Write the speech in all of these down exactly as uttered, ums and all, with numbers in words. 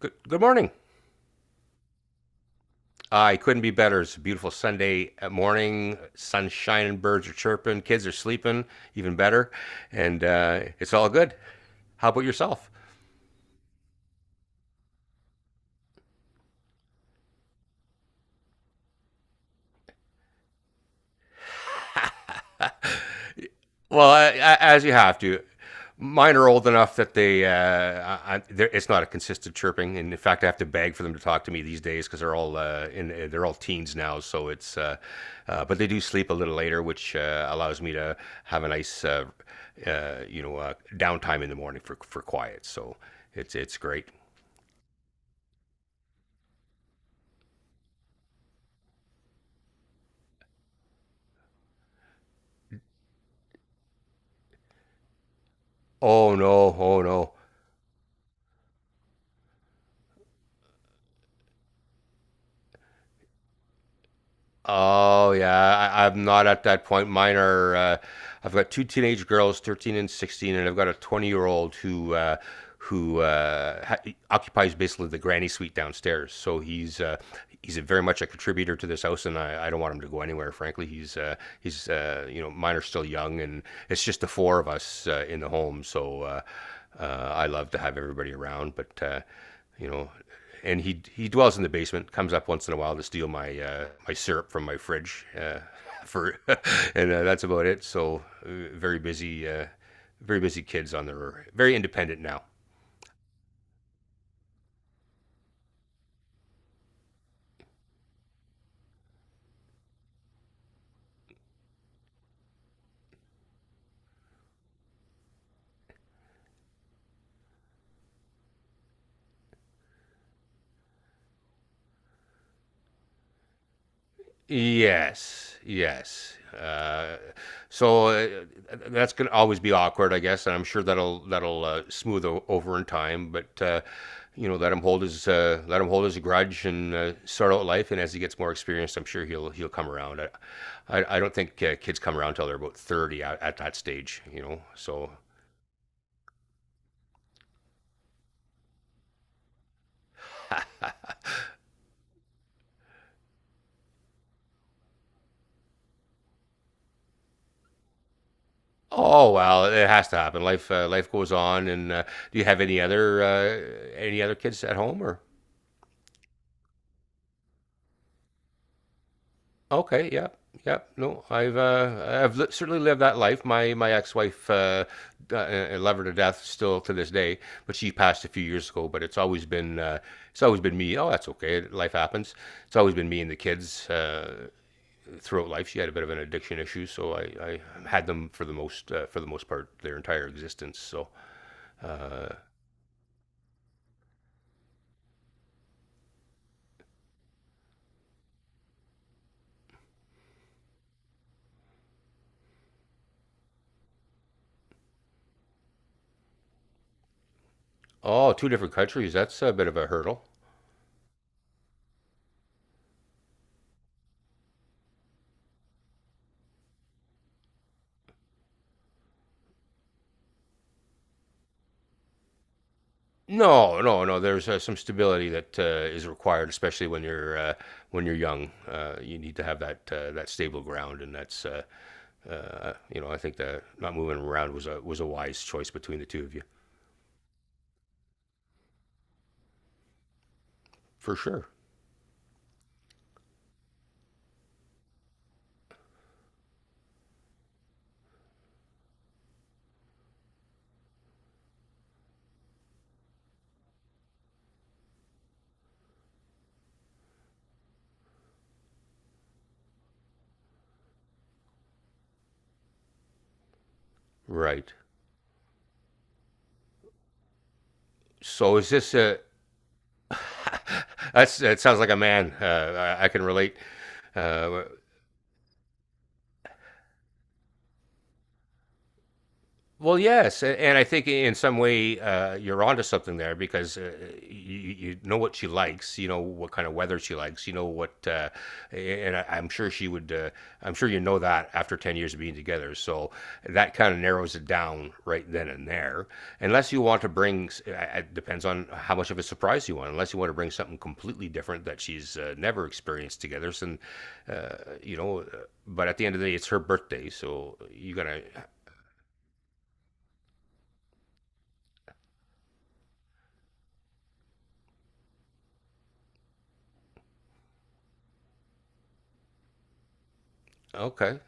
Good, good morning. I couldn't be better. It's a beautiful Sunday morning. Sun's shining, birds are chirping, kids are sleeping, even better. And uh, it's all good. How about yourself? Well, I, I, as you have to. Mine are old enough that they, uh, I, they're- it's not a consistent chirping, and in fact, I have to beg for them to talk to me these days because they're all uh, in, they're all teens now. So it's, uh, uh, but they do sleep a little later, which uh, allows me to have a nice, uh, uh, you know, uh, downtime in the morning for for quiet. So it's it's great. Oh no, oh no. Oh yeah, I, I'm not at that point. Mine are. Uh, I've got two teenage girls, thirteen and sixteen, and I've got a twenty year old who uh, who uh, ha- occupies basically the granny suite downstairs. So he's uh, he's a very much a contributor to this house, and I, I don't want him to go anywhere. Frankly, he's uh, he's uh, you know mine are still young, and it's just the four of us uh, in the home. So uh, uh, I love to have everybody around, but. Uh, you know, and he he dwells in the basement. Comes up once in a while to steal my uh, my syrup from my fridge uh, for, and uh, that's about it. So uh, very busy, uh, very busy kids on their very independent now. Yes, yes. Uh, so uh, that's gonna always be awkward, I guess, and I'm sure that'll that'll uh, smooth o- over in time. But uh, you know, let him hold his uh, let him hold his grudge and uh, start out life. And as he gets more experienced, I'm sure he'll he'll come around. I I, I don't think uh, kids come around till they're about thirty at, at that stage, you know. So oh well, it has to happen. Life uh, life goes on. And uh, do you have any other uh, any other kids at home or? Okay, yeah, yeah. No, I've uh, I've li- certainly lived that life. My my ex-wife, uh, d- I I love her to death still to this day, but she passed a few years ago. But it's always been uh, it's always been me. Oh, that's okay. Life happens. It's always been me and the kids uh, throughout life. She had a bit of an addiction issue, so I, I had them for the most uh, for the most part their entire existence. So, uh, oh, two different countries. That's a bit of a hurdle. No, no, no. There's uh, some stability that uh, is required, especially when you're uh, when you're young. Uh, you need to have that uh, that stable ground, and that's uh, uh, you know I think that not moving around was a was a wise choice between the two of you for sure. Right. So is this a? that's that sounds like a man. Uh, I, I can relate. Uh, Well, yes, a- and I think in some way uh, you're onto something there because uh, you, you know what she likes, you know what kind of weather she likes, you know what, uh, and I, I'm sure she would. Uh, I'm sure you know that after ten years of being together, so that kind of narrows it down right then and there. Unless you want to bring, s- I- it depends on how much of a surprise you want. Unless you want to bring something completely different that she's uh, never experienced together, and uh, you know. uh, but at the end of the day, it's her birthday, so you gotta. Okay.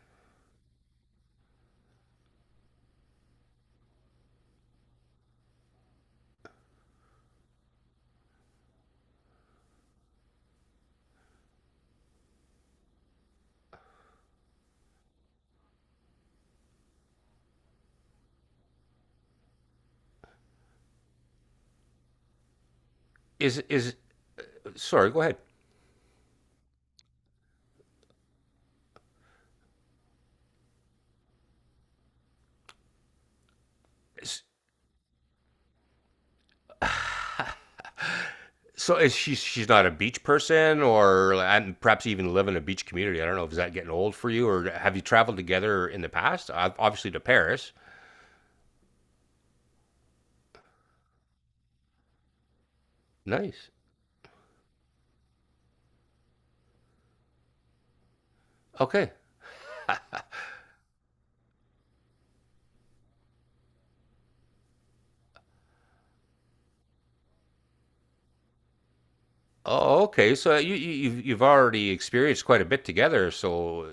Is is sorry? Go ahead. S- So is she she's not a beach person, or and perhaps even live in a beach community? I don't know. Is that getting old for you, or have you traveled together in the past? Ob- Obviously to Paris. Nice. Okay. Oh, okay. So you, you you've you've already experienced quite a bit together. So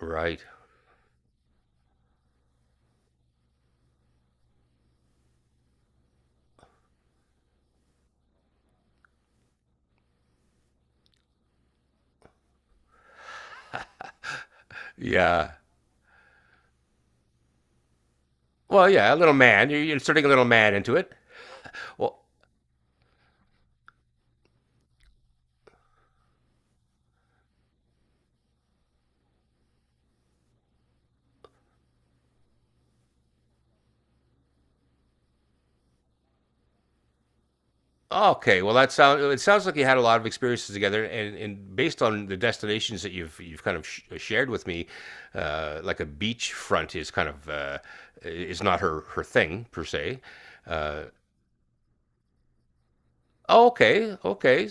right. Yeah. Well, yeah. A little man. You're inserting a little man into it. Well, Okay, well that sounds it sounds like you had a lot of experiences together, and, and based on the destinations that you've you've kind of sh- shared with me, uh, like a beachfront is kind of uh, is not her her thing per se. Uh, okay, okay.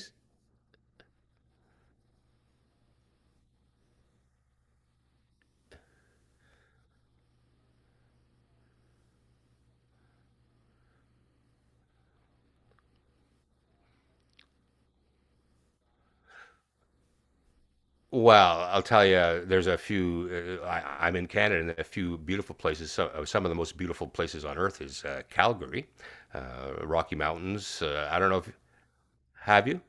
Well, I'll tell you, there's a few. Uh, I, I'm in Canada, and a few beautiful places. Some, uh, some of the most beautiful places on earth is uh, Calgary, uh, Rocky Mountains. Uh, I don't know if. Have you?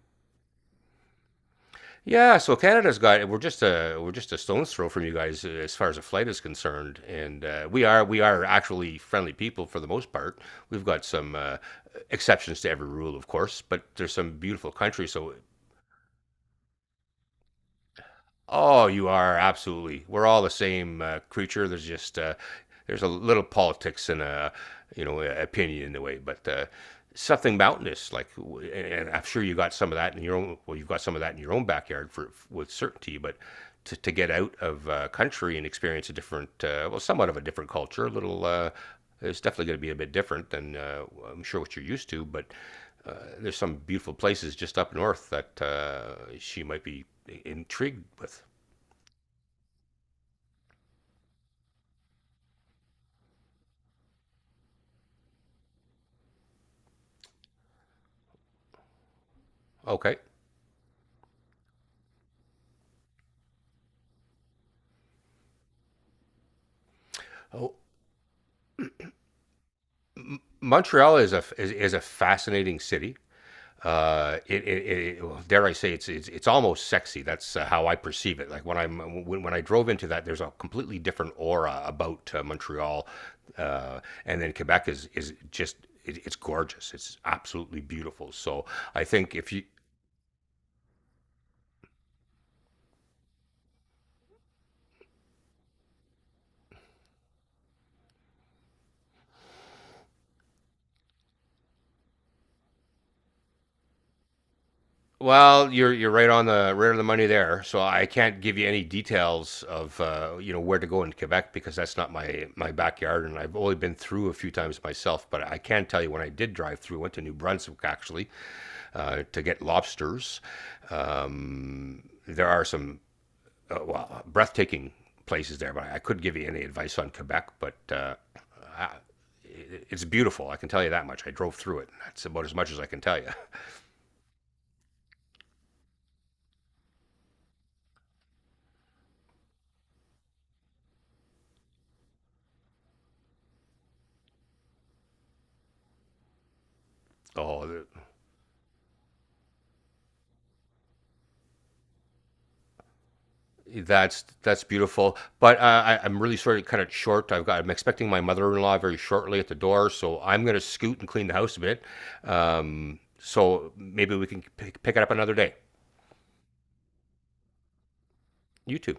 Yeah, so Canada's got, we're just a we're just a stone's throw from you guys uh, as far as a flight is concerned, and uh, we are we are actually friendly people for the most part. We've got some uh, exceptions to every rule, of course, but there's some beautiful country. So oh, you are absolutely. We're all the same uh, creature. There's just uh, there's a little politics and a you know a- opinion in the way, but uh, something mountainous like, w- and I'm sure you got some of that in your own. Well, you've got some of that in your own backyard for with certainty, but. To, to get out of uh, country and experience a different, uh, well, somewhat of a different culture, a little. Uh, it's definitely going to be a bit different than uh, I'm sure what you're used to, but uh, there's some beautiful places just up north that uh, she might be intrigued with. Okay. Oh, Montreal is a is, is a fascinating city. Uh, it, it, it Well, dare I say it's it's, it's almost sexy. That's uh, how I perceive it. Like when I'm when, when I drove into that, there's a completely different aura about uh, Montreal, uh, and then Quebec is is just it, it's gorgeous. It's absolutely beautiful. So I think if you. Well, you're you're right on the right on the money there. So I can't give you any details of uh, you know where to go in Quebec because that's not my my backyard, and I've only been through a few times myself. But I can tell you when I did drive through, went to New Brunswick actually uh, to get lobsters. Um, there are some well breathtaking places there, but I couldn't give you any advice on Quebec. But uh, I- it's beautiful. I can tell you that much. I drove through it, and that's about as much as I can tell you. Oh, That's that's beautiful, but uh, I, I'm really sort of kind of short. I've got I'm expecting my mother-in-law very shortly at the door, so I'm going to scoot and clean the house a bit. Um, so maybe we can pick, pick it up another day. You too.